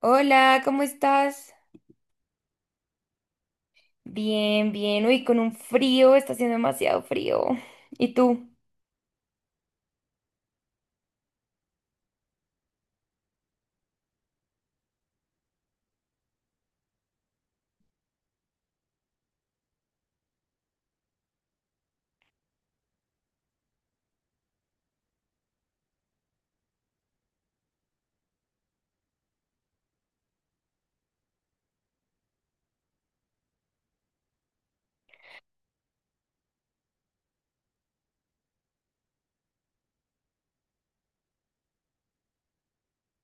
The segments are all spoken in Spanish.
Hola, ¿cómo estás? Bien. Uy, con un frío, está haciendo demasiado frío. ¿Y tú?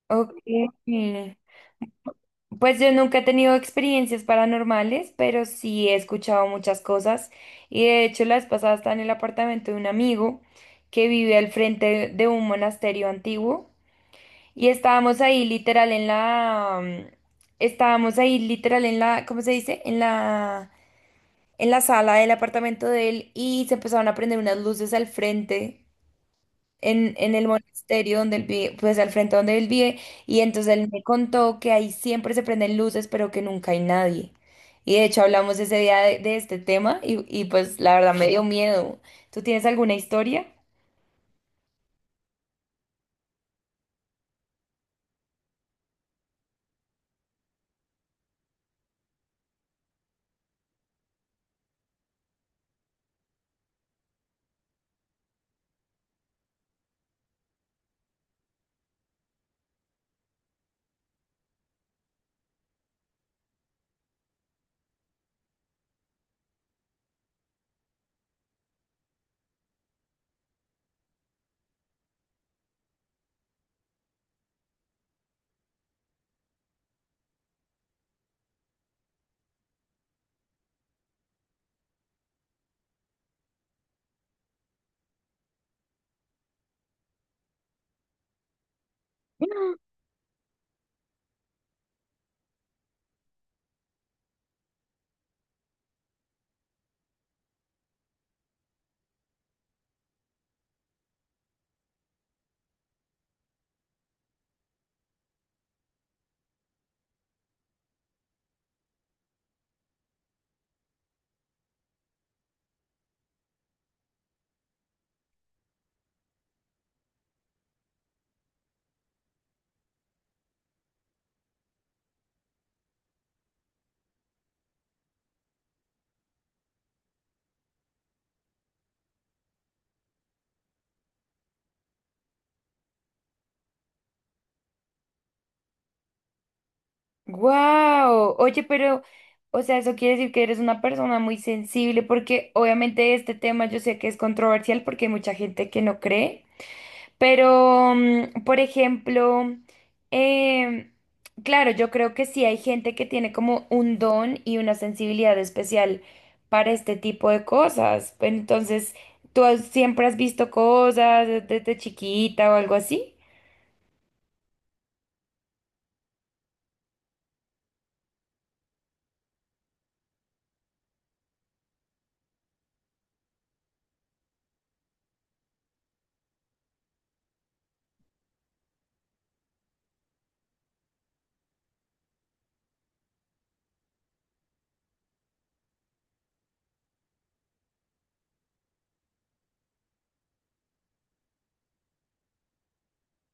Ok. Pues yo nunca he tenido experiencias paranormales, pero sí he escuchado muchas cosas. Y de hecho, la vez pasada estaba en el apartamento de un amigo que vive al frente de un monasterio antiguo. Y estábamos ahí literal en la... Estábamos ahí literal en la... ¿Cómo se dice? En en la sala del apartamento de él y se empezaron a prender unas luces al frente, en el monasterio donde él vive, pues al frente donde él vive, y entonces él me contó que ahí siempre se prenden luces, pero que nunca hay nadie. Y de hecho hablamos ese día de este tema y pues la verdad me dio miedo. ¿Tú tienes alguna historia? ¡Wow! Oye, pero, o sea, eso quiere decir que eres una persona muy sensible porque obviamente este tema yo sé que es controversial porque hay mucha gente que no cree. Pero, por ejemplo, em, claro, yo creo que sí hay gente que tiene como un don y una sensibilidad especial para este tipo de cosas. Entonces, siempre has visto cosas desde chiquita o algo así?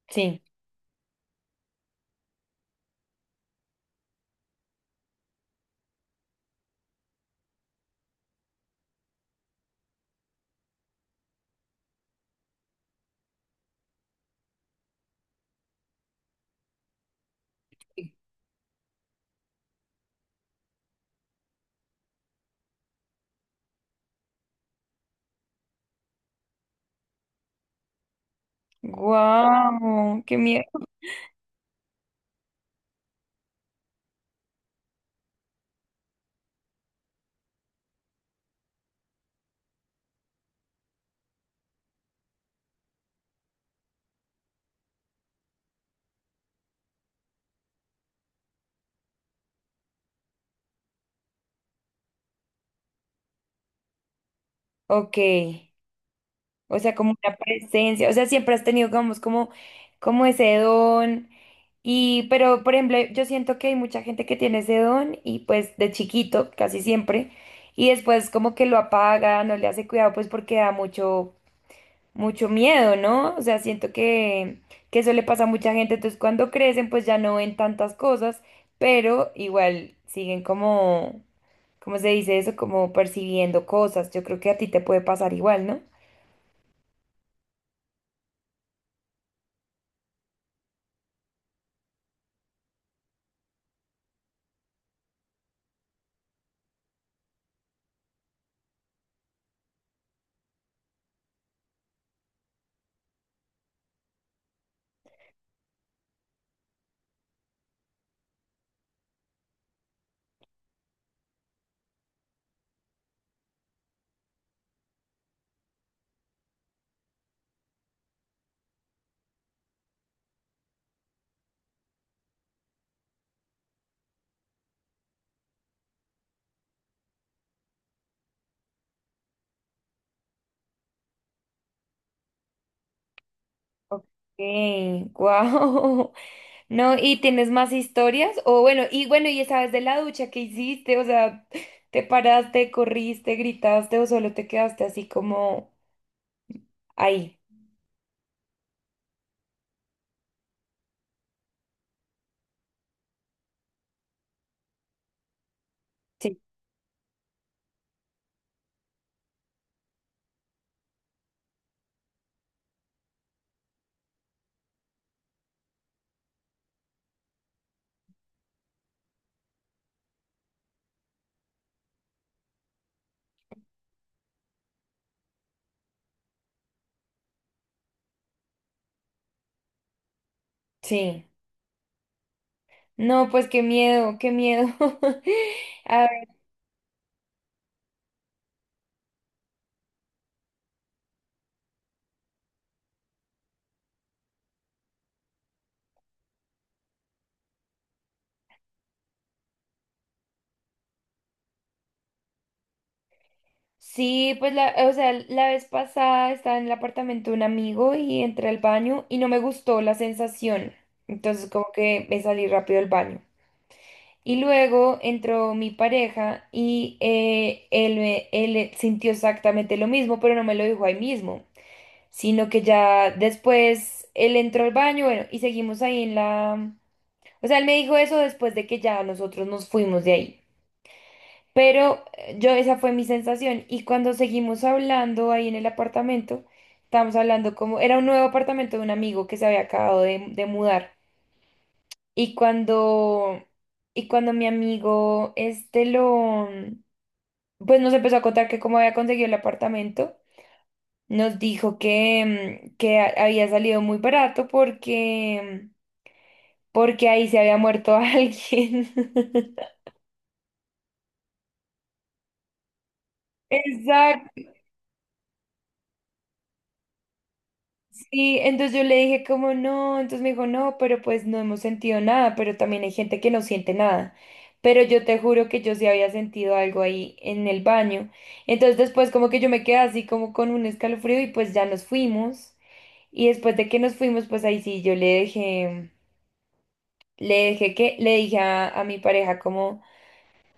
Sí. Wow, qué miedo. Ok, o sea, como una presencia, o sea, siempre has tenido, digamos, como, como ese don. Y, pero, por ejemplo, yo siento que hay mucha gente que tiene ese don y pues de chiquito, casi siempre, y después como que lo apaga, no le hace cuidado, pues porque da mucho, mucho miedo, ¿no? O sea, siento que eso le pasa a mucha gente, entonces cuando crecen pues ya no ven tantas cosas, pero igual siguen como, ¿cómo se dice eso? Como percibiendo cosas. Yo creo que a ti te puede pasar igual, ¿no? Ok, wow. No, ¿y tienes más historias? O bueno, y bueno, y esa vez de la ducha que hiciste, o sea, ¿te paraste, corriste, gritaste o solo te quedaste así como ahí? Sí. Sí. No, pues qué miedo, qué miedo. A ver, sí, pues la, o sea, la vez pasada estaba en el apartamento de un amigo y entré al baño y no me gustó la sensación. Entonces como que me salí rápido del baño. Y luego entró mi pareja y él, él sintió exactamente lo mismo, pero no me lo dijo ahí mismo, sino que ya después él entró al baño, bueno, y seguimos ahí en la... O sea, él me dijo eso después de que ya nosotros nos fuimos de ahí. Pero yo, esa fue mi sensación. Y cuando seguimos hablando ahí en el apartamento, estábamos hablando como... Era un nuevo apartamento de un amigo que se había acabado de mudar. Y cuando, y cuando mi amigo este lo, pues nos empezó a contar que cómo había conseguido el apartamento, nos dijo que, que había salido muy barato porque, porque ahí se había muerto alguien. Exacto. Sí, entonces yo le dije como no, entonces me dijo no, pero pues no hemos sentido nada, pero también hay gente que no siente nada. Pero yo te juro que yo sí había sentido algo ahí en el baño. Entonces después como que yo me quedé así como con un escalofrío y pues ya nos fuimos. Y después de que nos fuimos, pues ahí sí yo le dejé que, le dije a mi pareja como,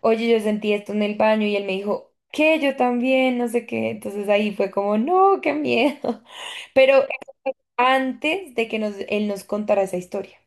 oye, yo sentí esto en el baño y él me dijo, ¿qué? Yo también, no sé qué. Entonces ahí fue como, no, qué miedo. Pero antes de que nos, él nos contara esa historia.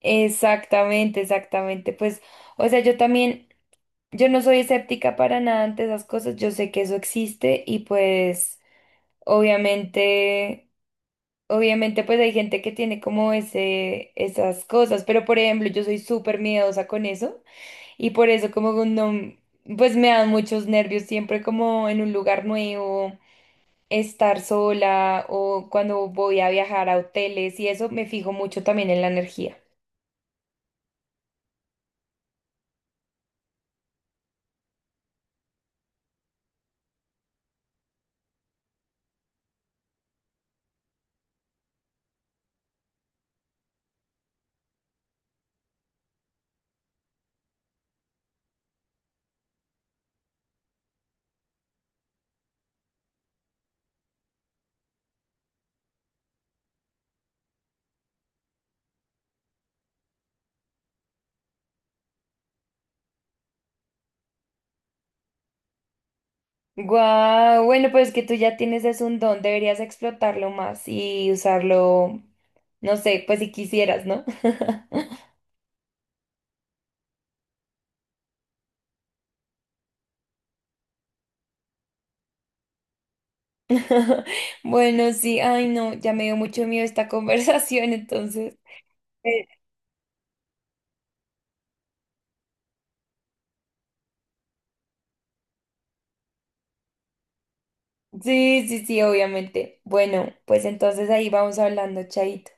Exactamente, exactamente. Pues, o sea, yo también, yo no soy escéptica para nada ante esas cosas, yo sé que eso existe y pues, obviamente, obviamente, pues hay gente que tiene como ese, esas cosas, pero por ejemplo, yo soy súper miedosa con eso y por eso como que no, pues me dan muchos nervios siempre como en un lugar nuevo estar sola o cuando voy a viajar a hoteles y eso me fijo mucho también en la energía. Guau, bueno, pues que tú ya tienes es un don, deberías explotarlo más y usarlo, no sé, pues si quisieras, ¿no? Bueno, sí, ay no, ya me dio mucho miedo esta conversación, entonces. Eh, Sí, sí, sí, obviamente. Bueno, pues entonces ahí vamos hablando, chaito.